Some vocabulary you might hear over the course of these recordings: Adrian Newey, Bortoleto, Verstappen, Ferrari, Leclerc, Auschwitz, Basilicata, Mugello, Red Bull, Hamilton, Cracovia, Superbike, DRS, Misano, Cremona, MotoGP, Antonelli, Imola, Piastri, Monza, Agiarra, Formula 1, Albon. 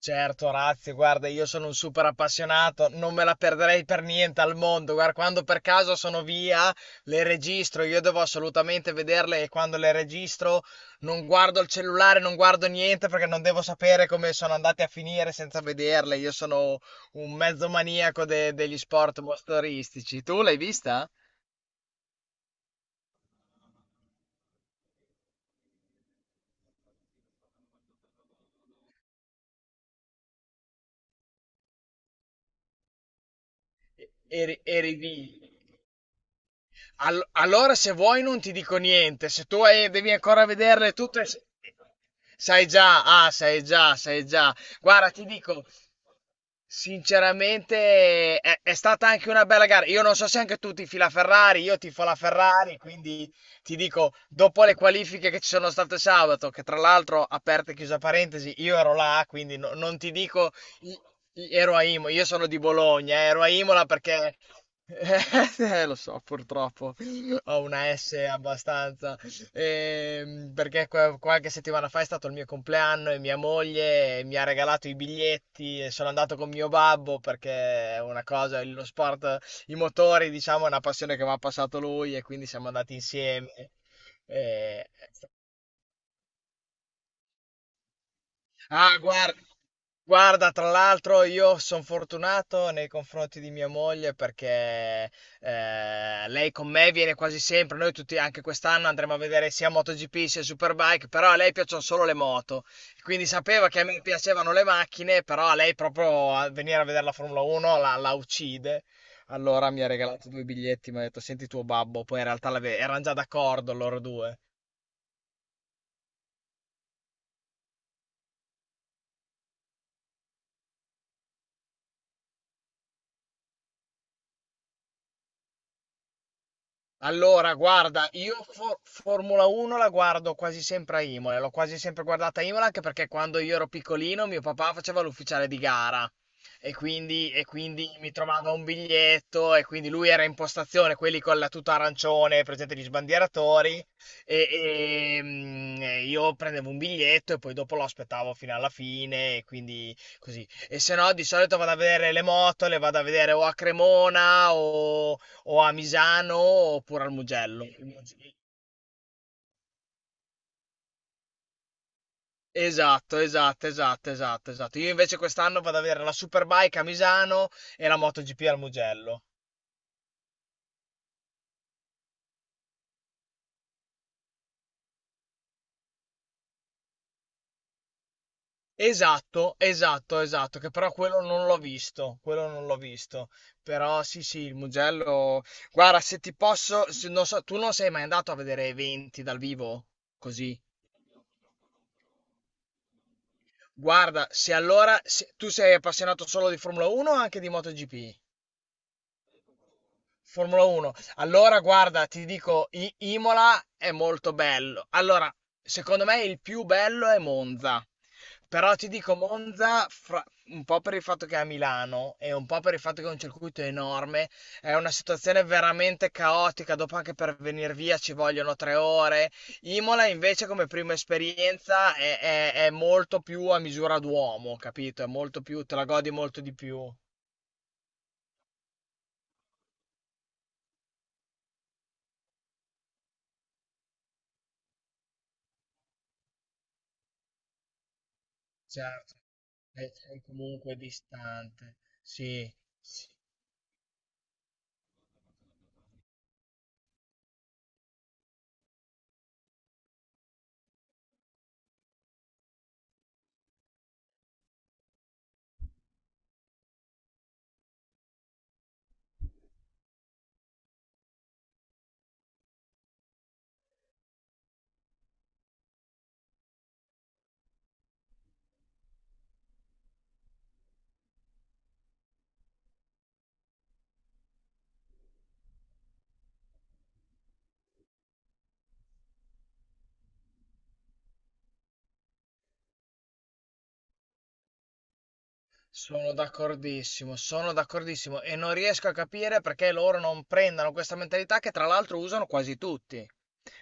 Certo, Razzi, guarda, io sono un super appassionato, non me la perderei per niente al mondo. Guarda, quando per caso sono via, le registro. Io devo assolutamente vederle, e quando le registro non guardo il cellulare, non guardo niente perché non devo sapere come sono andate a finire senza vederle. Io sono un mezzo maniaco degli sport motoristici. Tu l'hai vista? Eri lì. Allora, se vuoi, non ti dico niente. Se tu hai- Devi ancora vederle tutte, sai già, ah, sai già, sai già. Guarda, ti dico, sinceramente, è stata anche una bella gara. Io non so se anche tu tifi la Ferrari, io tifo la Ferrari, quindi ti dico, dopo le qualifiche che ci sono state sabato, che tra l'altro, aperta e chiusa parentesi, io ero là, quindi non ti dico. Ero a Imola, io sono di Bologna, ero a Imola perché... lo so, purtroppo ho una S abbastanza. Perché qualche settimana fa è stato il mio compleanno e mia moglie mi ha regalato i biglietti e sono andato con mio babbo perché è una cosa, lo sport, i motori, diciamo, è una passione che mi ha passato lui e quindi siamo andati insieme. E Ah, guarda, tra l'altro io sono fortunato nei confronti di mia moglie perché lei con me viene quasi sempre. Noi tutti anche quest'anno andremo a vedere sia MotoGP sia Superbike, però a lei piacciono solo le moto, quindi sapeva che a me piacevano le macchine, però a lei proprio a venire a vedere la Formula 1 la uccide. Allora mi ha regalato due biglietti, mi ha detto senti tuo babbo, poi in realtà erano già d'accordo loro due. Allora, guarda, io Formula 1 la guardo quasi sempre a Imola, l'ho quasi sempre guardata a Imola anche perché quando io ero piccolino mio papà faceva l'ufficiale di gara, e quindi mi trovava un biglietto, e quindi lui era in postazione, quelli con la tuta arancione, presente gli sbandieratori, e io prendevo un biglietto e poi dopo lo aspettavo fino alla fine, e quindi così. E se no di solito vado a vedere le moto, le vado a vedere o a Cremona o a Misano oppure al Mugello. Esatto, esatto, esatto, esatto, esatto. Io invece quest'anno vado ad avere la Superbike a Misano e la MotoGP al Mugello. Esatto, esatto, esatto, che però quello non l'ho visto, quello non l'ho visto. Però sì, sì, il Mugello. Guarda, se ti posso, non so, tu non sei mai andato a vedere eventi dal vivo? Così. Guarda, se allora se- tu sei appassionato solo di Formula 1 o anche di MotoGP? Formula 1. Allora, guarda, ti dico, Imola è molto bello. Allora, secondo me il più bello è Monza. Però ti dico Monza, un po' per il fatto che è a Milano e un po' per il fatto che è un circuito enorme, è una situazione veramente caotica. Dopo anche per venire via ci vogliono 3 ore. Imola invece come prima esperienza è molto più a misura d'uomo, capito? È molto più, te la godi molto di più. Certo, è è comunque distante. Sì, sì. Sono d'accordissimo e non riesco a capire perché loro non prendano questa mentalità che tra l'altro usano quasi tutti.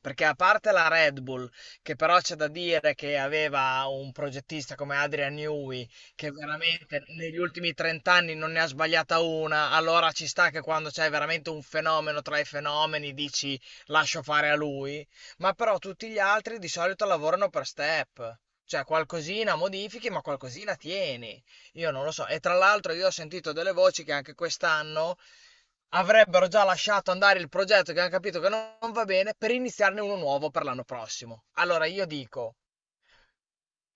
Perché a parte la Red Bull, che però c'è da dire che aveva un progettista come Adrian Newey, che veramente negli ultimi 30 anni non ne ha sbagliata una, allora ci sta che quando c'è veramente un fenomeno tra i fenomeni dici lascio fare a lui, ma però tutti gli altri di solito lavorano per step, cioè qualcosina modifichi ma qualcosina tieni. Io non lo so. E tra l'altro io ho sentito delle voci che anche quest'anno avrebbero già lasciato andare il progetto, che hanno capito che non va bene, per iniziarne uno nuovo per l'anno prossimo. Allora io dico,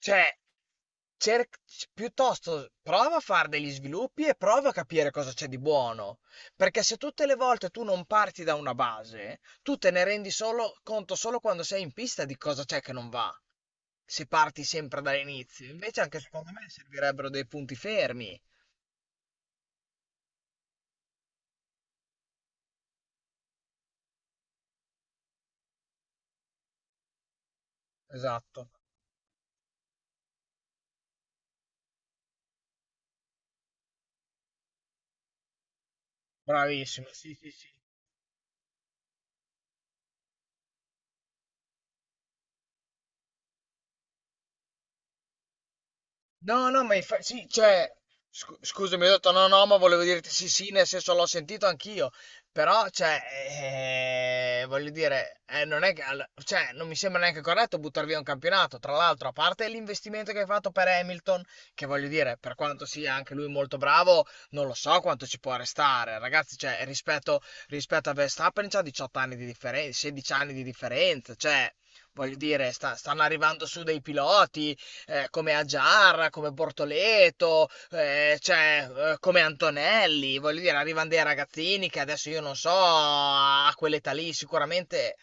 cioè, cer- piuttosto prova a fare degli sviluppi e prova a capire cosa c'è di buono. Perché se tutte le volte tu non parti da una base, tu te ne rendi solo, conto solo quando sei in pista di cosa c'è che non va. Se parti sempre dall'inizio, invece, anche secondo me servirebbero dei punti fermi. Esatto, bravissimo, sì, sì, sì. No, no, ma sì, cioè, scusami, ho detto no, no, ma volevo dirti sì, sì, nel senso l'ho sentito anch'io, però, cioè, voglio dire, non è che, cioè, non mi sembra neanche corretto buttare via un campionato, tra l'altro, a parte l'investimento che hai fatto per Hamilton, che voglio dire, per quanto sia anche lui molto bravo, non lo so quanto ci può restare, ragazzi, cioè, rispetto a Verstappen c'ha 18 anni di differenza, 16 anni di differenza, cioè... Voglio dire, stanno arrivando su dei piloti, come Agiarra, come Bortoleto, cioè, come Antonelli, voglio dire, arrivano dei ragazzini che adesso io non so, a quell'età lì sicuramente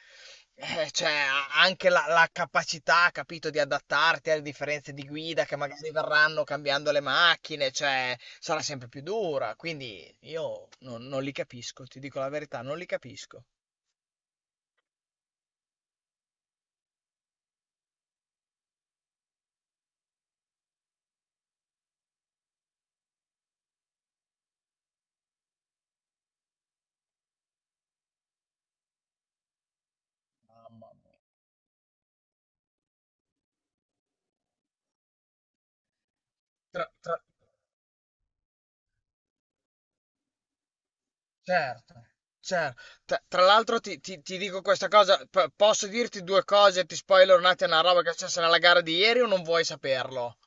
cioè, anche la capacità, capito, di adattarti alle differenze di guida che magari verranno cambiando le macchine, cioè, sarà sempre più dura. Quindi io non li capisco, ti dico la verità, non li capisco. Mamma mia. Tra, tra- Certo, cer T tra l'altro ti dico questa cosa, p posso dirti 2 cose, ti spoilero un attimo una roba che è successa nella gara di ieri, o non vuoi saperlo?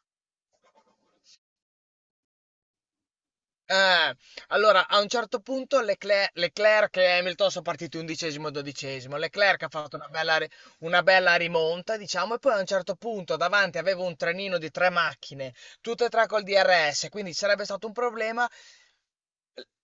Eh, allora a un certo punto Leclerc e Hamilton sono partiti 11° e 12°. Leclerc ha fatto una bella rimonta, diciamo, e poi a un certo punto davanti aveva un trenino di 3 macchine, tutte e 3 col DRS, quindi ci sarebbe stato un problema.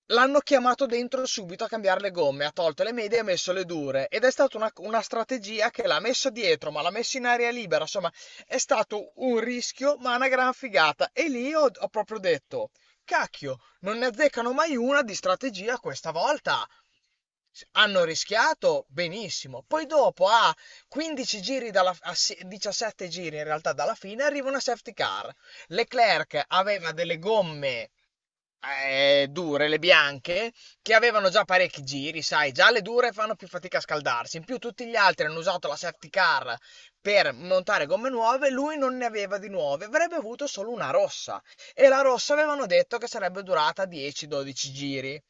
L'hanno chiamato dentro subito a cambiare le gomme, ha tolto le medie e ha messo le dure, ed è stata una strategia che l'ha messo dietro, ma l'ha messo in aria libera, insomma è stato un rischio ma una gran figata, e lì ho, ho proprio detto, cacchio, non ne azzeccano mai una di strategia questa volta. Hanno rischiato benissimo, poi dopo a 15 giri dalla, 17 giri in realtà dalla fine arriva una safety car. Leclerc aveva delle gomme dure, le bianche, che avevano già parecchi giri, sai, già le dure fanno più fatica a scaldarsi. In più tutti gli altri hanno usato la safety car per montare gomme nuove, lui non ne aveva di nuove, avrebbe avuto solo una rossa. E la rossa avevano detto che sarebbe durata 10-12 giri.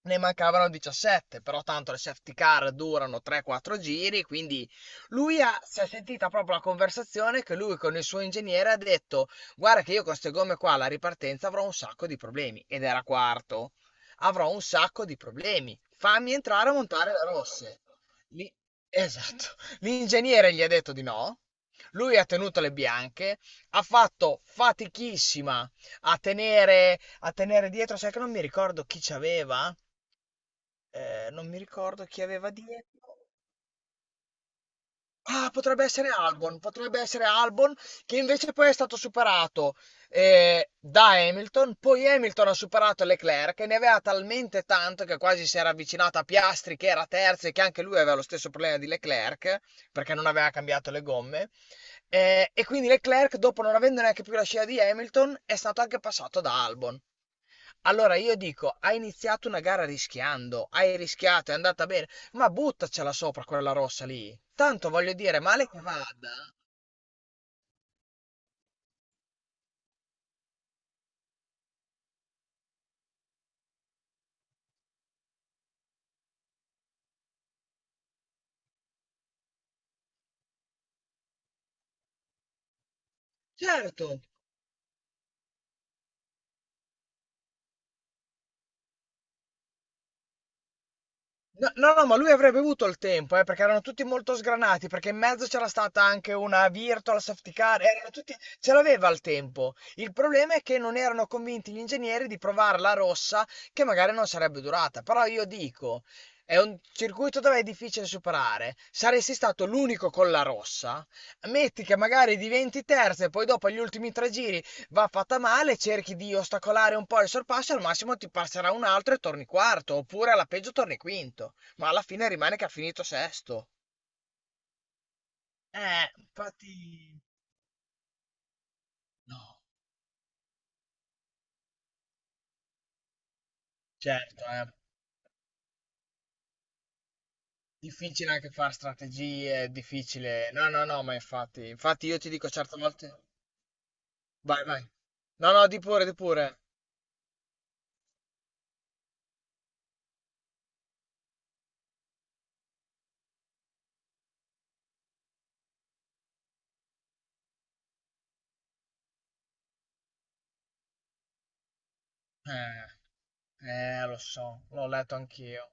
Ne mancavano 17, però tanto le safety car durano 3-4 giri, quindi si è sentita proprio la conversazione, che lui con il suo ingegnere ha detto: Guarda, che io con queste gomme qua alla ripartenza avrò un sacco di problemi. Ed era quarto, avrò un sacco di problemi. Fammi entrare a montare le rosse. Lì- Esatto. L'ingegnere gli ha detto di no. Lui ha tenuto le bianche, ha fatto fatichissima a tenere dietro, sai che non mi ricordo chi c'aveva? Non mi ricordo chi aveva dietro. Ah, potrebbe essere Albon, potrebbe essere Albon, che invece poi è stato superato da Hamilton, poi Hamilton ha superato Leclerc e ne aveva talmente tanto che quasi si era avvicinato a Piastri, che era terzo e che anche lui aveva lo stesso problema di Leclerc perché non aveva cambiato le gomme. E quindi Leclerc, dopo non avendo neanche più la scia di Hamilton, è stato anche passato da Albon. Allora io dico, hai iniziato una gara rischiando, hai rischiato, è andata bene. Ma buttacela sopra quella rossa lì. Tanto voglio dire, male che vada. Certo. No, no, no, ma lui avrebbe avuto il tempo, perché erano tutti molto sgranati, perché in mezzo c'era stata anche una virtual safety car, erano tutti... ce l'aveva il tempo. Il problema è che non erano convinti gli ingegneri di provare la rossa, che magari non sarebbe durata. Però io dico, è un circuito dove è difficile superare. Saresti stato l'unico con la rossa. Metti che magari diventi terzo e poi dopo agli ultimi 3 giri va fatta male, cerchi di ostacolare un po' il sorpasso e al massimo ti passerà un altro e torni quarto, oppure alla peggio torni quinto, ma alla fine rimane che ha finito sesto. Infatti, no, certo, è difficile anche fare strategie, è difficile... No, no, no, ma infatti, infatti io ti dico certe volte... Vai, vai. No, no, di pure, di pure. Eh, lo so, l'ho letto anch'io,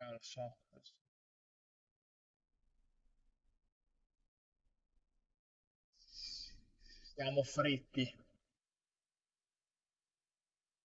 lo so. Siamo fritti.